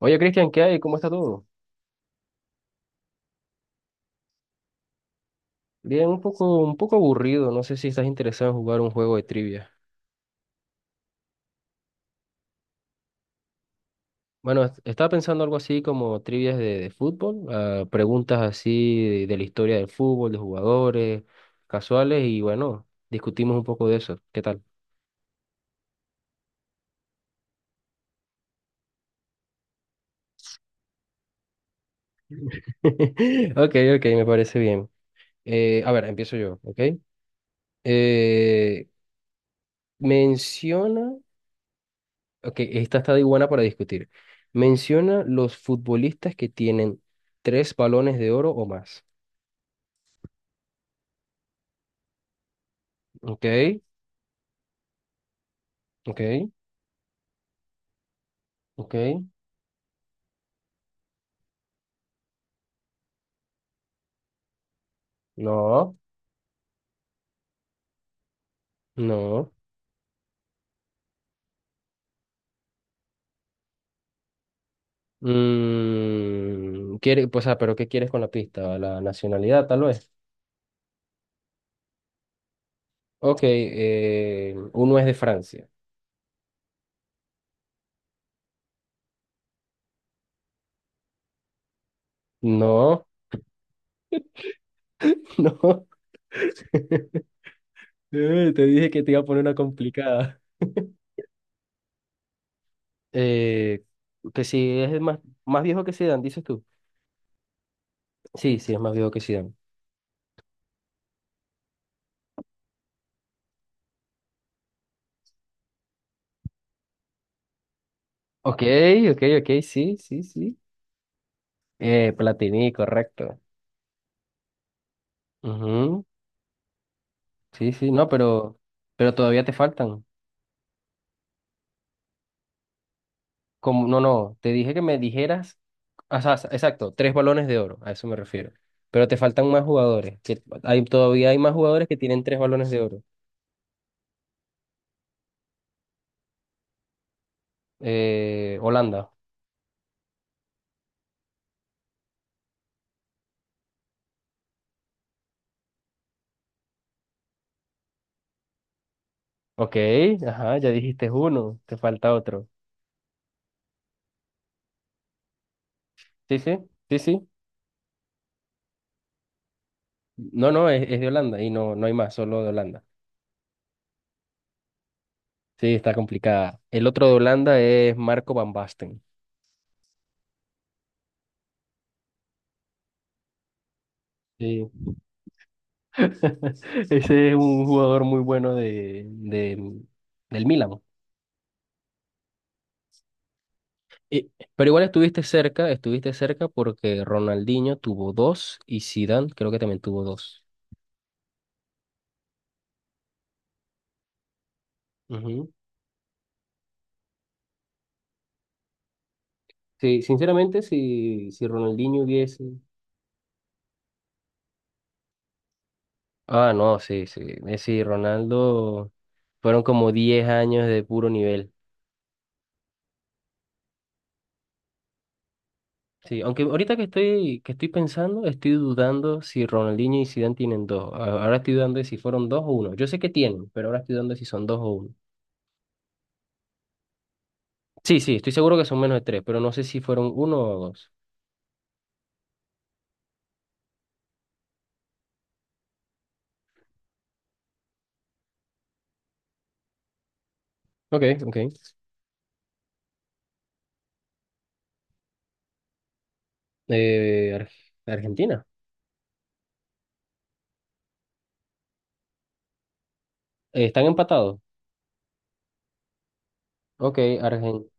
Oye, Cristian, ¿qué hay? ¿Cómo está todo? Bien, un poco aburrido. No sé si estás interesado en jugar un juego de trivia. Bueno, estaba pensando algo así como trivias de fútbol, preguntas así de la historia del fútbol, de jugadores, casuales, y bueno, discutimos un poco de eso. ¿Qué tal? Ok, ok, me parece bien. A ver, empiezo yo, ¿ok? Eh, menciona, ok, esta está de buena para discutir. Menciona los futbolistas que tienen tres balones de oro o más. Ok, ok, ok. No, no. Pues, pero ¿qué quieres con la pista? La nacionalidad, tal vez. Ok, uno es de Francia. No, no. Te dije que te iba a poner una complicada. Eh, que si es más viejo que Zidane, dices tú. Sí, sí, es más viejo que Zidane. Ok, ok, ok, sí, sí, sí. Platini, correcto. Ujú. Sí, sí, no, pero todavía te faltan. Como, no, no, te dije que me dijeras, o sea, exacto, tres balones de oro, a eso me refiero. Pero te faltan más jugadores, que hay, todavía hay más jugadores que tienen tres balones de oro. Holanda. Ok, ajá, ya dijiste uno, te falta otro. Sí, sí, sí, sí. No, no, es de Holanda y no, no hay más, solo de Holanda. Sí, está complicada. El otro de Holanda es Marco Van Basten. Sí. Ese es un jugador muy bueno del Milan. Pero igual estuviste cerca porque Ronaldinho tuvo dos y Zidane creo que también tuvo dos. Ujú. Sí, sinceramente, si Ronaldinho hubiese... Ah, no, sí, sí. Messi y Ronaldo fueron como 10 años de puro nivel. Sí, aunque ahorita que estoy pensando, estoy dudando si Ronaldinho y Zidane tienen dos. Ahora estoy dudando de si fueron dos o uno. Yo sé que tienen, pero ahora estoy dudando de si son dos o uno. Sí, sí, estoy seguro que son menos de tres, pero no sé si fueron uno o dos. Ok, ok. Eh, Ar- Argentina. ¿Están empatados? Ok.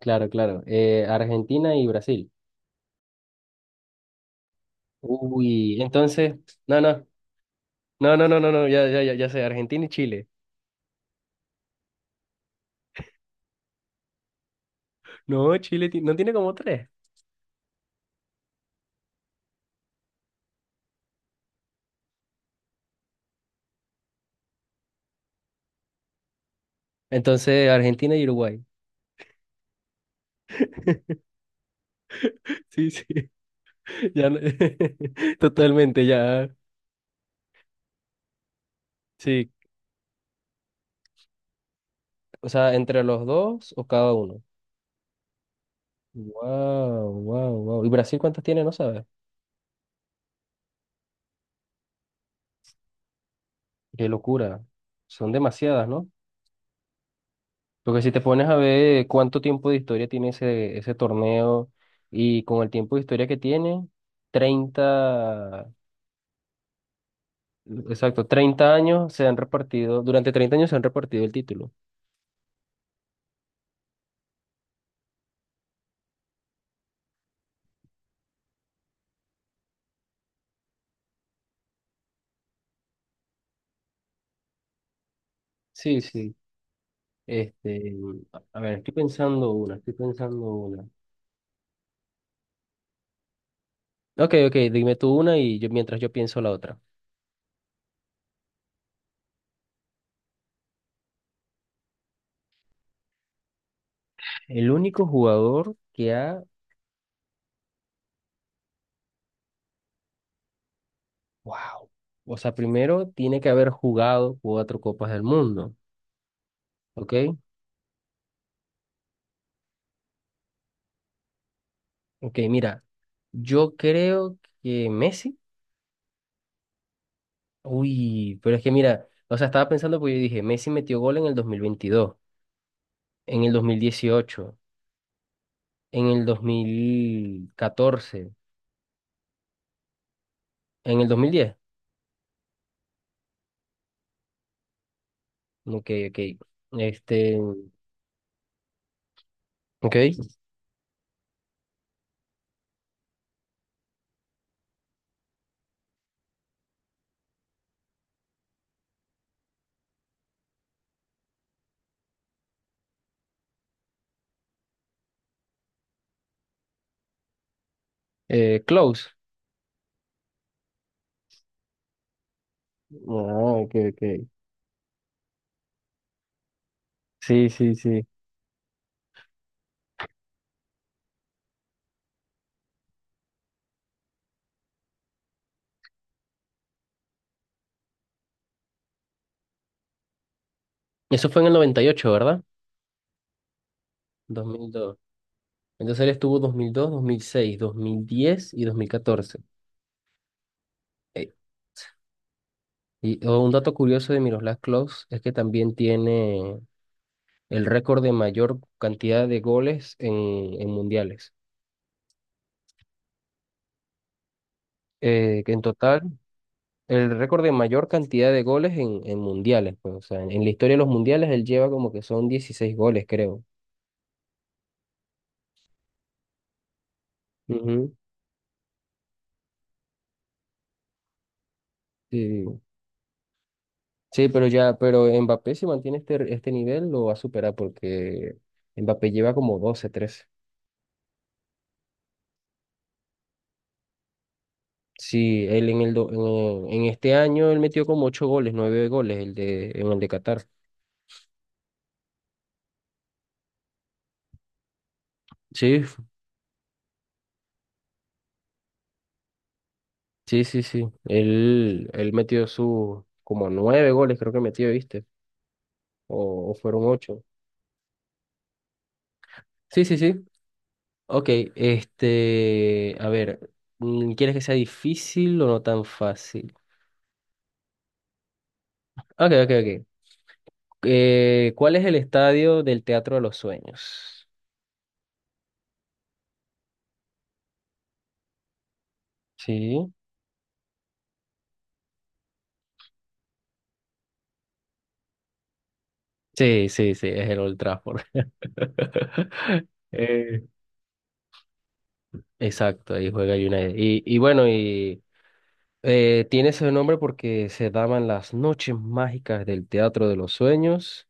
Claro, claro. Argentina y Brasil. Uy, entonces, no, no, no, no, no, no, no, ya, ya, ya, ya sé, Argentina y Chile. No, Chile no tiene como tres. Entonces, Argentina y Uruguay. Sí, sí, ya, totalmente, ya. Sí, o sea, entre los dos o cada uno. Wow, wow, wow. ¿Y Brasil cuántas tiene? No sabes. Qué locura. Son demasiadas, ¿no? Porque si te pones a ver cuánto tiempo de historia tiene ese torneo y con el tiempo de historia que tiene, 30 exacto, 30 años se han repartido, durante 30 años se han repartido el título. Sí, sí. Este, a ver, estoy pensando una, estoy pensando una. Ok, ok, dime tú una y yo mientras yo pienso la otra. El único jugador que ha, wow, o sea, primero tiene que haber jugado cuatro copas del mundo, ¿ok? Ok, mira. Yo creo que Messi. Uy, pero es que mira, o sea, estaba pensando porque yo dije, Messi metió gol en el 2022, en el 2018, en el 2014, en el 2010. Ok, ok. Este, ok. Close. Ah, ok, ok. Sí, sí, sí. Eso fue en el 98, ¿verdad? 2002. Entonces él estuvo 2002, dos mil seis, 2010 y 2014. Eh, Y oh, un dato curioso de Miroslav Klose es que también tiene el récord de mayor cantidad de goles en mundiales. Que en total, el récord de mayor cantidad de goles en mundiales. Pues, o sea, en la historia de los mundiales él lleva como que son 16 goles, creo. Ujú. Sí, sí, pero ya, pero Mbappé si mantiene este nivel lo va a superar porque Mbappé lleva como 12 13. Sí, él en el en este año él metió como 8 goles, 9 goles en el de Qatar. Sí, sí, sí, sí. Él metió su como nueve goles, creo que metió, ¿viste? O fueron ocho. Sí, sí, sí. Ok, este, a ver, ¿quieres que sea difícil o no tan fácil? Ok, ok, ok. ¿Cuál es el estadio del Teatro de los Sueños? Sí. Sí, sí, sí, es el Old Trafford. Eh, exacto, ahí juega United. Y bueno, y tiene ese nombre porque se daban las noches mágicas del Teatro de los Sueños,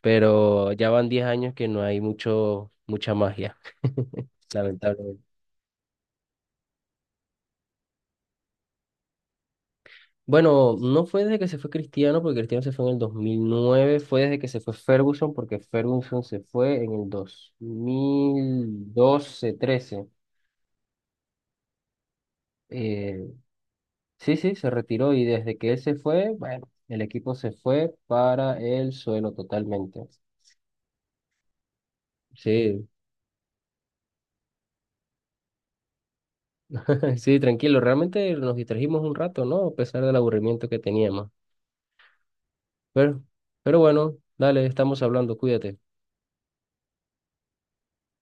pero ya van 10 años que no hay mucha magia, lamentablemente. Bueno, no fue desde que se fue Cristiano, porque Cristiano se fue en el 2009, fue desde que se fue Ferguson, porque Ferguson se fue en el 2012 13. Eh, sí, sí, se retiró y desde que él se fue, bueno, el equipo se fue para el suelo totalmente. Sí. Sí, tranquilo, realmente nos distrajimos un rato, ¿no? A pesar del aburrimiento que teníamos. Pero, pero bueno, dale, estamos hablando, cuídate.